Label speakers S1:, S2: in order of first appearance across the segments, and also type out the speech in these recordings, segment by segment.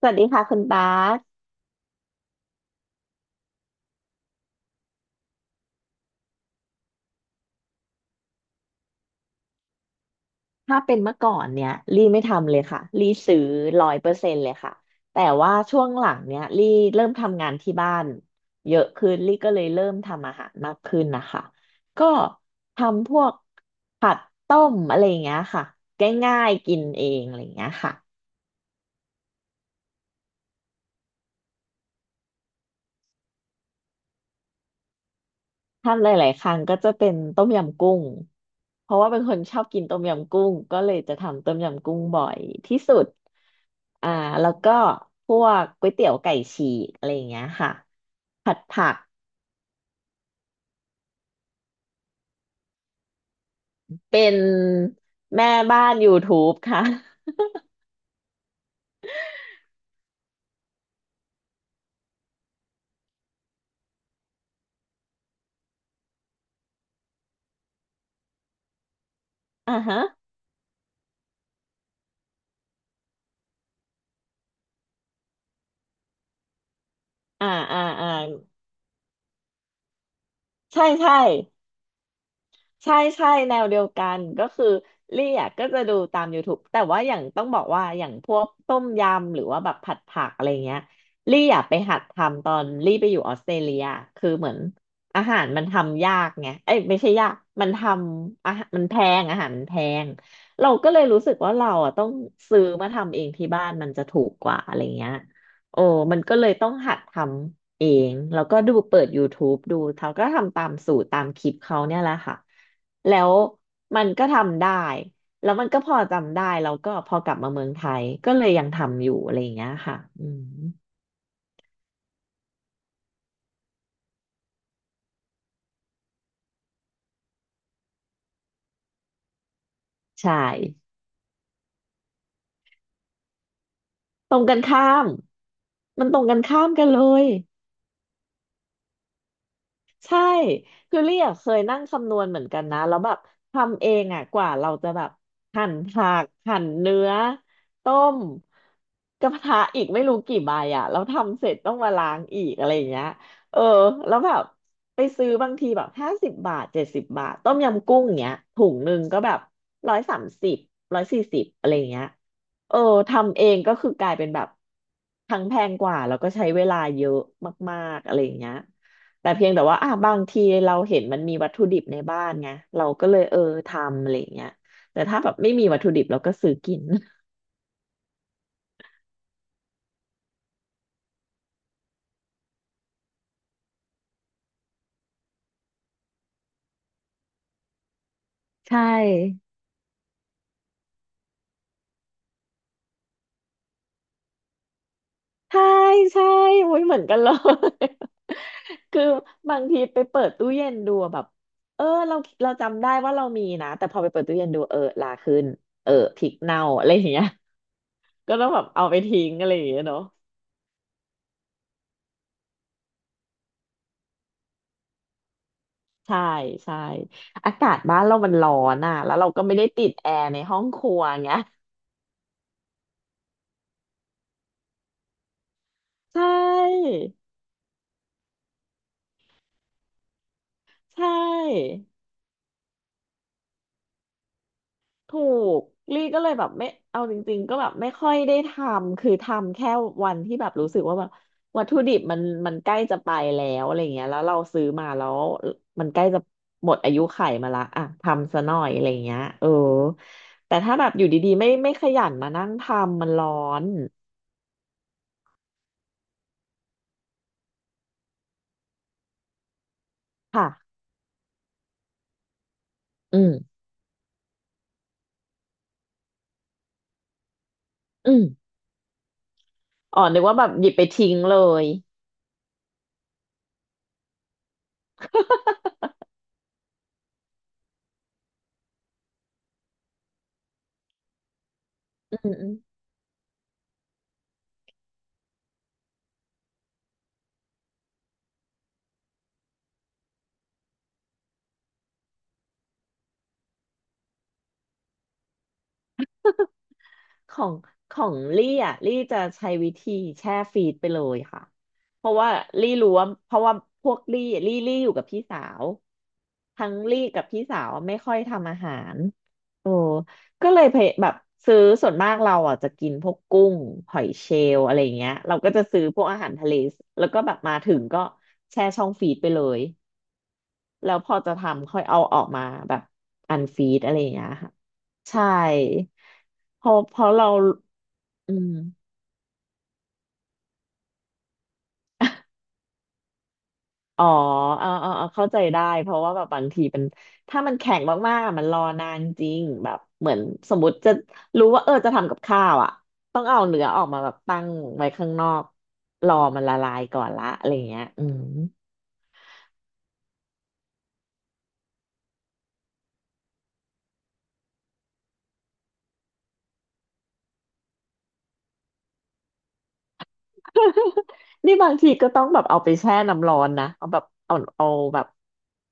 S1: สวัสดีค่ะคุณบาสถ้าเป็นเมื่อก่อนเนี่ยลี่ไม่ทำเลยค่ะลี่ซื้อร้อยเปอร์เซ็นต์เลยค่ะแต่ว่าช่วงหลังเนี่ยลี่เริ่มทำงานที่บ้านเยอะขึ้นลี่ก็เลยเริ่มทำอาหารมากขึ้นนะคะก็ทำพวกผัดต้มอะไรอย่างเงี้ยค่ะง่ายๆกินเองอะไรอย่างเงี้ยค่ะทำหลาย ๆ ครั้งก็จะเป็นต้มยำกุ้งเพราะว่าเป็นคนชอบกินต้มยำกุ้งก็เลยจะทำต้มยำกุ้งบ่อยที่สุด อ่าแล้วก็พวกก๋วยเตี๋ยวไก่ฉีกอะไรอย่างเงี้ยค่ะผัดผักเป็นแม่บ้าน YouTube ค่ะ อ่าฮะอ่าอ่าอ่าใช่ใช่ ใช่ใช่แนวเดียวกันก็คือลี่อ่ะก็จะดูตาม YouTube แต่ว่าอย่างต้องบอกว่าอย่างพวกต้มยำหรือว่าแบบผัดผักอะไรเงี้ยลี่อ่ะไปหัดทำตอนลี่ไปอยู่ออสเตรเลียคือเหมือนอาหารมันทำยากไงเอ้ยไม่ใช่ยากมันทำอาหารมันแพงอาหารมันแพงเราก็เลยรู้สึกว่าเราอ่ะต้องซื้อมาทำเองที่บ้านมันจะถูกกว่าอะไรเงี้ยโอ้มันก็เลยต้องหัดทำเองแล้วก็ดูเปิด YouTube ดูเขาก็ทำตามสูตรตามคลิปเขาเนี่ยแหละค่ะ แล้วมันก็ทำได้ แล้วมันก็พอจำได้ แล้วก็พอกลับมาเมืองไทยก็เลยยังทำอยู่อะไรอย่างเงี้ยค่ะอืมใช่ ตรงกันข้าม มันตรงกันข้ามกันเลย ใช่คือเรียกเคยนั่งคำนวณเหมือนกันนะแล้วแบบทำเองอ่ะกว่าเราจะแบบหั่นผักหั่นเนื้อต้มกระทะอีกไม่รู้กี่ใบอ่ะแล้วทำเสร็จต้องมาล้างอีกอะไรอย่างเงี้ยเออแล้วแบบไปซื้อบางทีแบบห้าสิบบาทเจ็ดสิบบาทต้มยำกุ้งเงี้ยถุงหนึ่งก็แบบร้อยสามสิบร้อยสี่สิบอะไรอย่างเงี้ยเออทำเองก็คือกลายเป็นแบบทั้งแพงกว่าแล้วก็ใช้เวลาเยอะมากๆอะไรอย่างเงี้ย แต่เพียงแต่ว่าอ่ะบางทีเราเห็นมันมีวัตถุดิบในบ้านไงเราก็เลยเออทำอะไรอย่างเงี้ยแต่ถ้าแบบไม่มีวัตถุดิบเราก็ซื้อกินใช่ใช่ใช่โอ้ยเหมือนกันเลย คือบางทีไปเปิดตู้เย็นดูอะแบบเออเราจำได้ว่าเรามีนะแต่พอไปเปิดตู้เย็นดูเออลาขึ้นเออพริกเน่าอะไรอย่างเงี้ย ก็ต้องแบบเอาไปทิ้งอะไรอย่างเงี้ยเนาะใช่ใช่อากาศบ้านเรามันร้อนอ่ะแล้วเราก็ไม่ได้ติดแอร์ในห้องครัวไงย ใช่ใช่ถูกลี่ก็เลยแบบไม่เอาจริงๆก็แบบไม่ค่อยได้ทำคือทำแค่วันที่แบบรู้สึกว่าแบบวัตถุดิบมันใกล้จะไปแล้วอะไรเงี้ยแล้วเราซื้อมาแล้วมันใกล้จะหมดอายุไขมาละอ่ะทำซะหน่อยอะไรเงี้ยเออแต่ถ้าแบบอยู่ดีๆไม่ขยันมานั่งทำมันร้อนค่ะอืมอืมอ๋อนึกว่าแบบหยิบไปทิ้งเลยอืม ของของลี่อ่ะลี่จะใช้วิธีแช่ฟรีซไปเลยค่ะเพราะว่าลี่รู้ว่าเพราะว่าพวกลี่อยู่กับพี่สาวทั้งลี่กับพี่สาวไม่ค่อยทำอาหารโอ้ก็เลยเพแบบซื้อส่วนมากเราอ่ะจะกินพวกกุ้งหอยเชลล์อะไรเงี้ยเราก็จะซื้อพวกอาหารทะเลแล้วก็แบบมาถึงก็แช่ช่องฟรีซไปเลยแล้วพอจะทำค่อยเอาออกมาแบบอันฟรีดอะไรอย่างเงี้ยค่ะใช่เพอเพราะเรา อืมอ๋อเอาเข้าใจได้เพราะว่าแบบบางทีมันถ้ามันแข็งมากๆอะมันรอนานจริงแบบเหมือนสมมติจะรู้ว่าเออจะทำกับข้าวอ่ะต้องเอาเนื้อออกมาแบบตั้งไว้ข้างนอกรอมันละลายก่อนละอะไรเงี้ยอืม นี่บางทีก็ต้องแบบเอาไปแช่น้ำร้อนนะเอาแบบ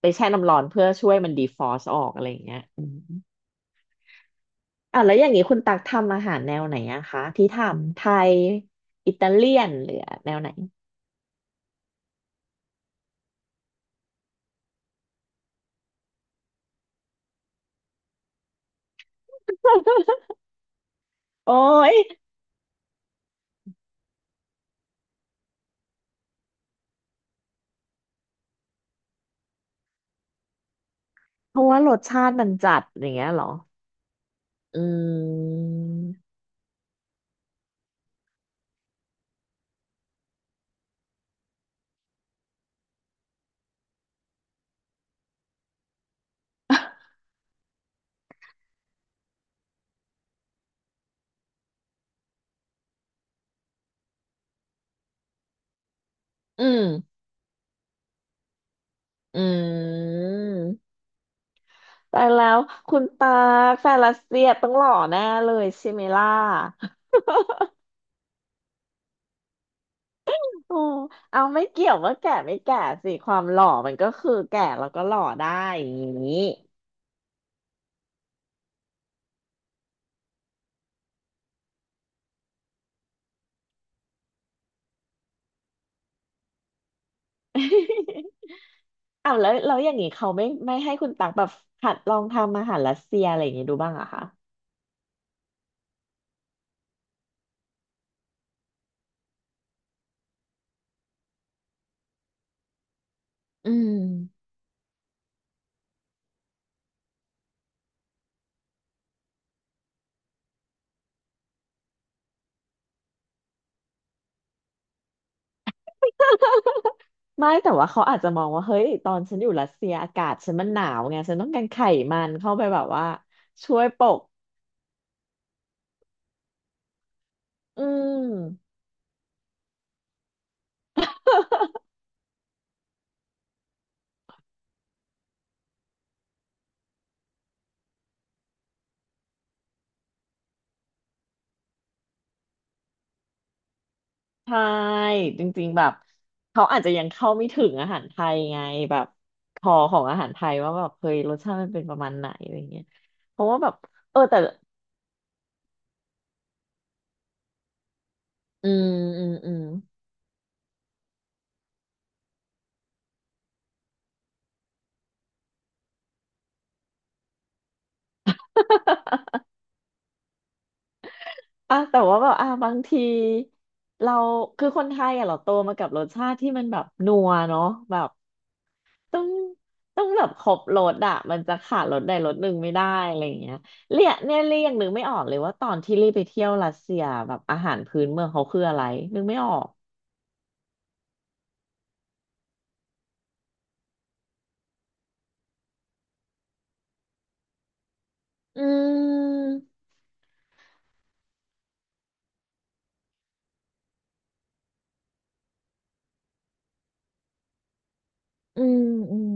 S1: ไปแช่น้ำร้อนเพื่อช่วยมันดีฟรอสต์ออกอะไรเงี้ยอืมอ่ะแล้วอย่างนี้คุณตักทำอาหารแนวไหนอะคะที่ทำไทยอิตาเลียนหรือแนวไหน โอ้ยเพราะว่ารสชาติมันจัดอย่างเงี้ยเหรออืมอืมอืมแต่แล้วคุณตาแฟนรัสเซียต้องหล่อแน่เลยใช่ไหมล่ะ โอ้เอาไม่เกี่ยวว่าแก่ไม่แก่สิความหล่อมันก็คือแก่แล้วก็หล่อได้อย่างนี้ อ้าวแล้วอย่างนี้เขาไม่ให้คุณตักแบบหัดลองทำอาหารรัสเซียอะไรอย่างนี้ดูบ้างอะคะอืม ไม่แต่ว่าเขาอาจจะมองว่าเฮ้ยตอนฉันอยู่รัสเซียอากาศฉันมันหนาวไงฉันต้องการไขมันเข้าไปแบบว่าช่วยปกอืมใช่จริงๆแบบเขาอาจจะยังเข้าไม่ถึงอาหารไทยไงแบบคอของอาหารไทยว่าแบบเฮ้ยรสชาติมันเป็นประมาณไหนอะไรเงี้ยเพราะว่าแบบเออแต่อืมอืมอ่ะแต่ว่าแบบอ่ะบางทีเราคือคนไทยอ่ะเราโตมากับรสชาติที่มันแบบนัวเนาะแบบ ต้องต้องแบบครบรสอะมันจะขาดรสใดรสหนึ่งไม่ได้อะไรอย่างเงี้ยเรียเนี่ยเรียกนึกไม่ออกเลยว่าตอนที่รีบไปเที่ยวรัสเซียแบบอาหารพื้นเมืองเขาคืออะไรนึกไม่ออกอืมอืมอืม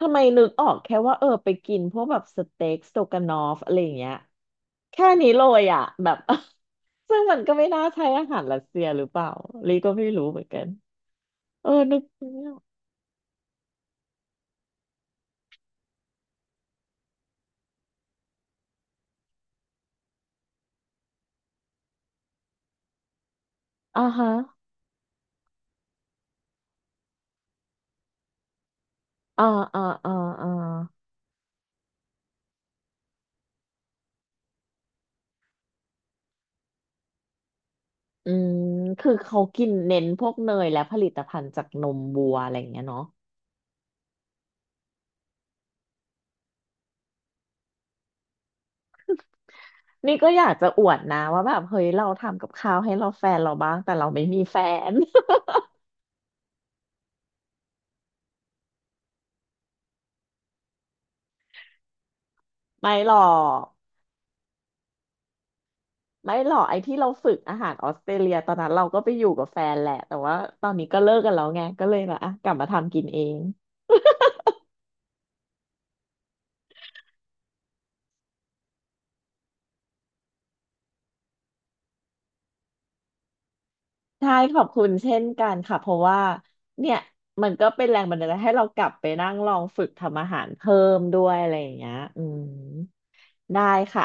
S1: ทำไมนึกออกแค่ว่าเออไปกินพวกแบบสเต็กสโตกานอฟอะไรอย่างเงี้ยแค่นี้เลยอ่ะแบบ ซึ่งมันก็ไม่น่าใช่อาหารรัสเซียหรือเปล่าลีก็ไม่รู้เหมือนกันเออนึกไม่ออกอ่าฮะอ่าอ่าอ่าอ่า อืมคือเขากินเน้นพวกเนยและผลิตภัณฑ์จากนมวัวอะไรอย่างเงี้ยเนาะนี่ก็อยากจะอวดนะว่าแบบเฮ้ยเราทำกับข้าวให้เราแฟนเราบ้างแต่เราไม่มีแฟน ไม่หรอกไม่หรอกไอ้ที่เราฝึกอาหารออสเตรเลียตอนนั้นเราก็ไปอยู่กับแฟนแหละแต่ว่าตอนนี้ก็เลิกกันแล้วไงก็เลยแบบอ่ะกลับมาทำกินเองใช่ขอบคุณเช่นกันค่ะเพราะว่าเนี่ยมันก็เป็นแรงบันดาลใจให้เรากลับไปนั่งลองฝึกทำอาหารเพิ่มด้วยอะไรอย่างเงี้ยอืมได้ค่ะ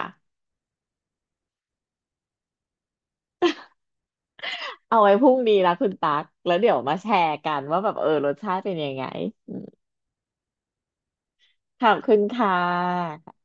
S1: เอาไว้พรุ่งนี้ละคุณตั๊กแล้วเดี๋ยวมาแชร์กันว่าแบบเออรสชาติเป็นยังไงอืมขอบคุณค่ะ